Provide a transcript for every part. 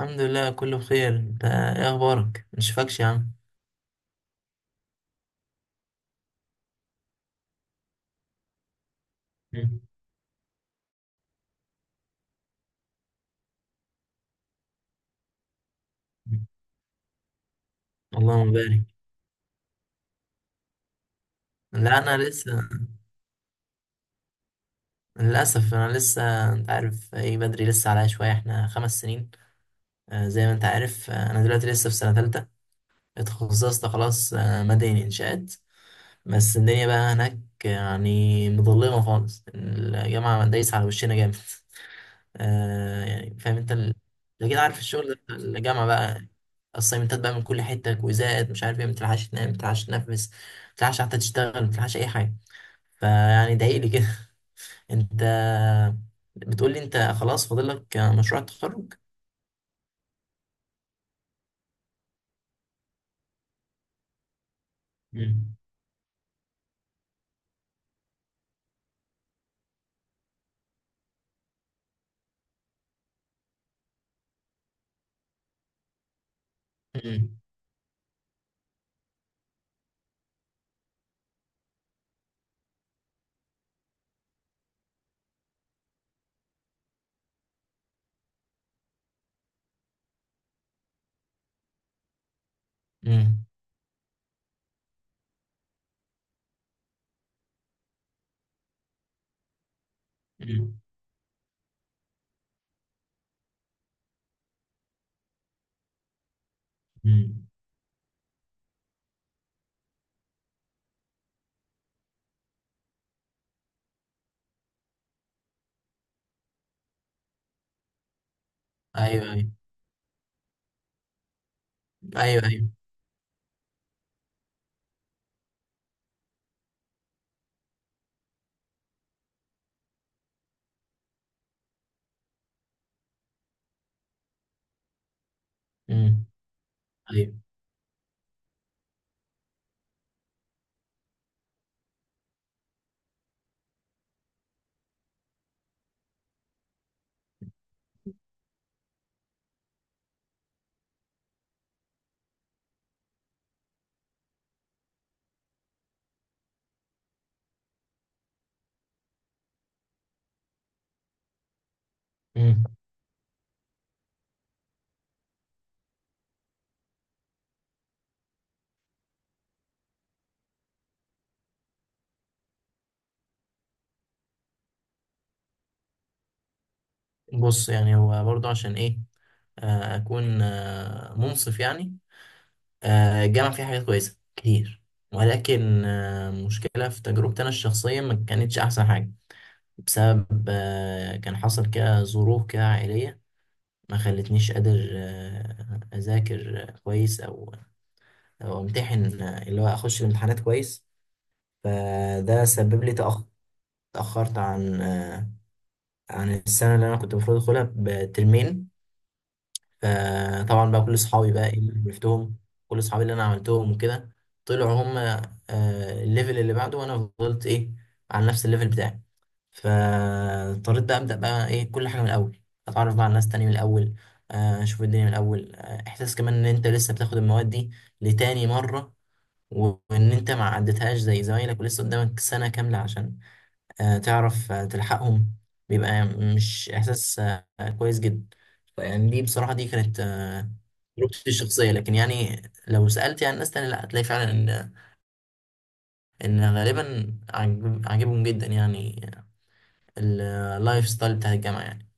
الحمد لله، كله بخير. انت ايه اخبارك؟ مشفكش يا عم. مم. اللهم بارك. لا، انا لسه. للاسف انا لسه، انت عارف، ايه، بدري، لسه عليا شويه. احنا 5 سنين. زي ما انت عارف، انا دلوقتي لسه في سنه ثالثه. اتخصصت خلاص، مدني انشاءات. بس الدنيا بقى هناك، يعني مظلمه خالص، الجامعه دايسه على وشنا جامد. يعني فاهم انت انت كده عارف الشغل ده بتاع الجامعه بقى. الصيمنتات بقى من كل حته، كويزات، مش عارف ايه، ما بتلحقش تنام، ما بتلحقش تنفس، ما بتلحقش حتى تشتغل، ما بتلحقش اي حاجه. فيعني ضايقلي كده. انت بتقول لي انت خلاص فاضل لك مشروع التخرج؟ مم. امم، امم. مم. مم. ايوه، ايوه، ايوه، ايوه. امم، ايوه، امم. بص، يعني هو برضه عشان ايه، اكون منصف يعني. الجامعة فيها حاجات كويسة كتير، ولكن مشكلة في تجربتي أنا الشخصية ما كانتش أحسن حاجة. بسبب كان حصل كده ظروف كده عائلية، ما خلتنيش قادر أذاكر كويس، أو أمتحن، اللي هو أخش الامتحانات كويس. فده سبب لي، تأخرت عن السنة اللي أنا كنت المفروض أدخلها بترمين. طبعا بقى، كل صحابي بقى، ايه، اللي عرفتهم، كل صحابي اللي انا عملتهم وكده، طلعوا هم الليفل اللي بعده، وانا فضلت ايه، على نفس الليفل بتاعي. فاضطريت بقى ابدا بقى ايه، كل حاجه من الاول، اتعرف بقى على ناس تاني من الاول، اشوف الدنيا من الاول. احساس كمان ان انت لسه بتاخد المواد دي لتاني مره، وان انت ما عدتهاش زي زمايلك، ولسه قدامك سنه كامله عشان تعرف تلحقهم. بيبقى مش احساس كويس جدا. يعني دي بصراحه دي كانت تجربتي الشخصية، لكن يعني لو سألت يعني ناس تانية، لا، هتلاقي فعلا إن غالبا عاجبهم جدا يعني، اللايف ستايل بتاع الجامعة يعني.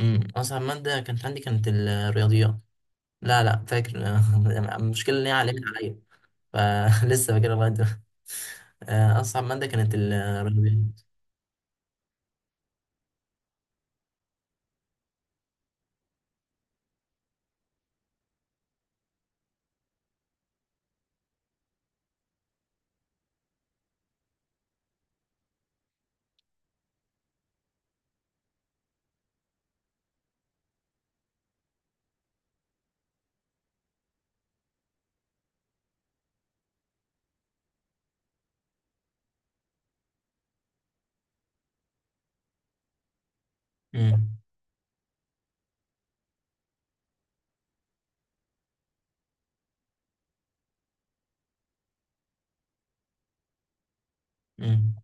أصعب مادة كانت عندي كانت الرياضيات. لا، لا، فاكر. المشكلة إن هي علمت عليا، فلسه فاكرها لغاية دلوقتي. أصعب مادة كانت الرياضيات. أمم. أمم.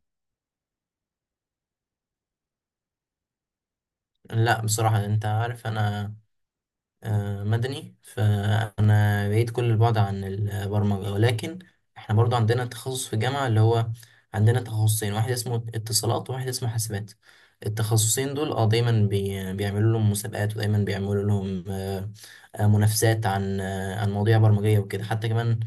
لا، بصراحة أنت عارف أنا مدني، فأنا بعيد كل البعد عن البرمجة. ولكن إحنا برضو عندنا تخصص في الجامعة، اللي هو عندنا تخصصين، واحد اسمه اتصالات، وواحد اسمه حاسبات. التخصصين دول دايما بيعملوا لهم مسابقات، ودايما بيعملوا لهم، منافسات عن عن مواضيع برمجية وكده، حتى كمان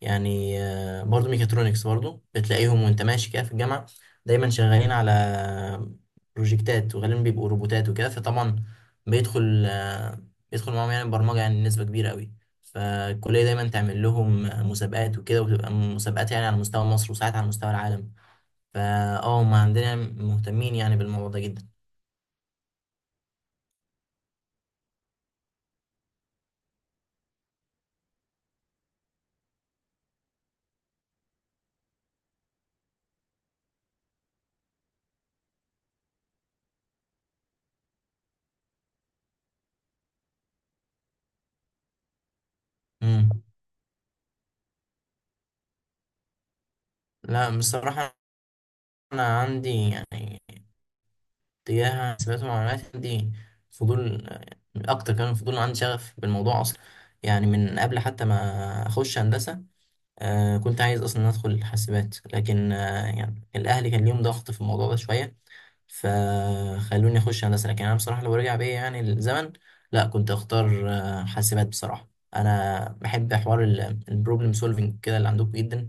يعني، برضو ميكاترونكس برضو بتلاقيهم وانت ماشي كده في الجامعة، دايما شغالين على بروجكتات، وغالبا بيبقوا روبوتات وكده. فطبعا بيدخل آه، بيدخل معاهم يعني برمجة، يعني نسبة كبيرة قوي. فالكلية دايما تعمل لهم مسابقات وكده، وتبقى مسابقات يعني على مستوى مصر، وساعات على مستوى العالم. فا اه، هما عندنا مهتمين يعني بالموضوع ده جدا. مم. لا بصراحة، أنا عندي يعني تجاه حسابات ومعلومات، عندي فضول أكتر. كمان فضول عندي، شغف بالموضوع أصلا، يعني من قبل حتى ما أخش هندسة. كنت عايز اصلا ادخل حاسبات، لكن يعني الاهل كان ليهم ضغط في الموضوع ده شويه، فخلوني اخش هندسه. لكن انا بصراحه لو رجع بيا يعني الزمن، لا، كنت اختار حاسبات بصراحه. انا بحب حوار البروبلم سولفنج كده اللي عندكم جدا.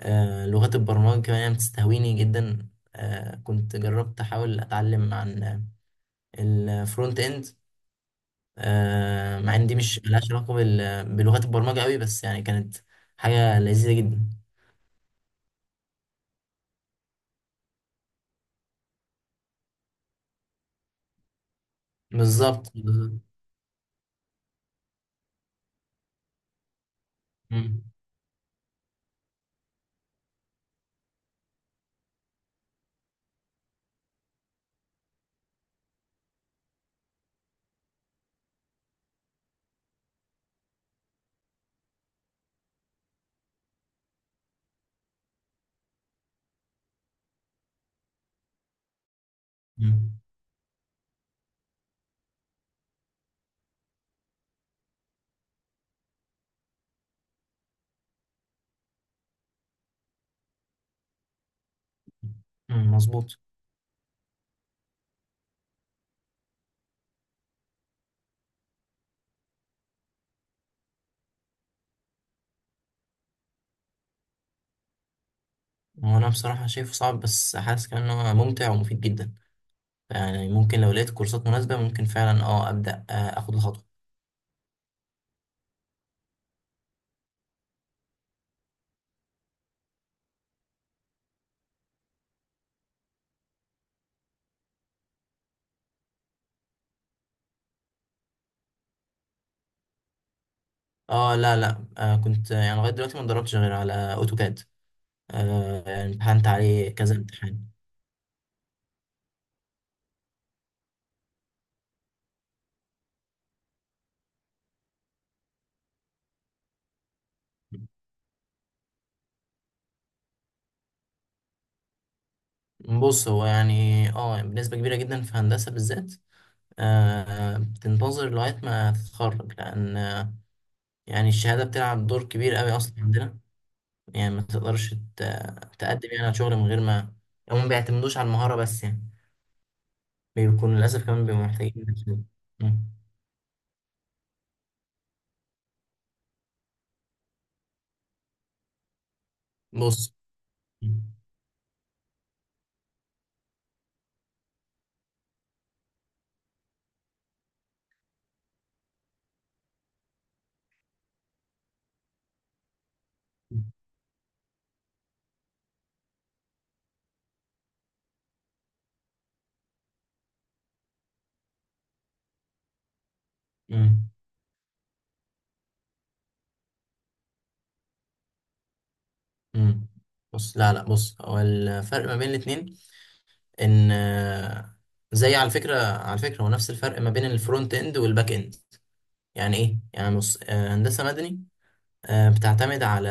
لغات البرمجه كمان يعني بتستهويني جدا. كنت جربت احاول اتعلم عن الفرونت اند، مع ان دي مش ملهاش علاقه بلغات البرمجه قوي، بس يعني كانت حاجه لذيذه جدا. بالظبط، بالظبط. مم. مم. مم. مظبوط. هو انا بصراحه شايفه صعب، بس حاسس كمان ان هو ممتع ومفيد جدا. يعني ممكن لو لقيت كورسات مناسبه، ممكن فعلا ابدا، اخد الخطوه. اه، لا، لا، كنت يعني لغايه دلوقتي ما اتدربتش غير على اوتوكاد. يعني امتحنت عليه كذا امتحان. بص، هو يعني بنسبة كبيرة جدا في هندسة بالذات. بتنتظر لغاية ما تتخرج، لأن يعني الشهادة بتلعب دور كبير قوي أصلا عندنا. يعني ما تقدرش، تقدم يعني على شغل من غير ما، هم ما بيعتمدوش على المهارة بس، يعني بيكونوا للأسف كمان بيبقوا محتاجين تدريب. مم. بص. مم. مم. بص، لا، لا، بص، هو الفرق ما بين الاتنين ان زي، على فكرة، هو نفس الفرق ما بين الفرونت اند والباك اند. يعني ايه؟ يعني بص، هندسة مدني بتعتمد على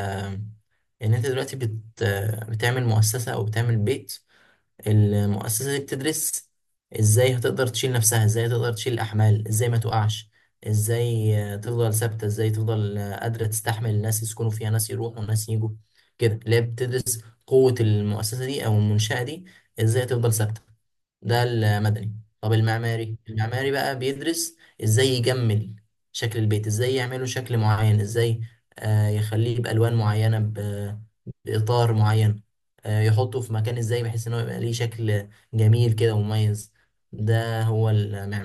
ان انت دلوقتي بت آه، بتعمل مؤسسة او بتعمل بيت. المؤسسة دي بتدرس ازاي هتقدر تشيل نفسها، ازاي هتقدر تشيل الأحمال، ازاي ما تقعش، ازاي تفضل ثابتة، ازاي تفضل قادرة تستحمل الناس يسكنوا فيها، ناس يروحوا وناس يجوا كده. اللي هي بتدرس قوة المؤسسة دي أو المنشأة دي، ازاي تفضل ثابتة. ده المدني. طب المعماري بقى بيدرس ازاي يجمل شكل البيت، ازاي يعمله شكل معين، ازاي يخليه بألوان معينة، بإطار معين، يحطه في مكان ازاي بحيث ان هو يبقى ليه شكل جميل كده ومميز. ده هو المعمار.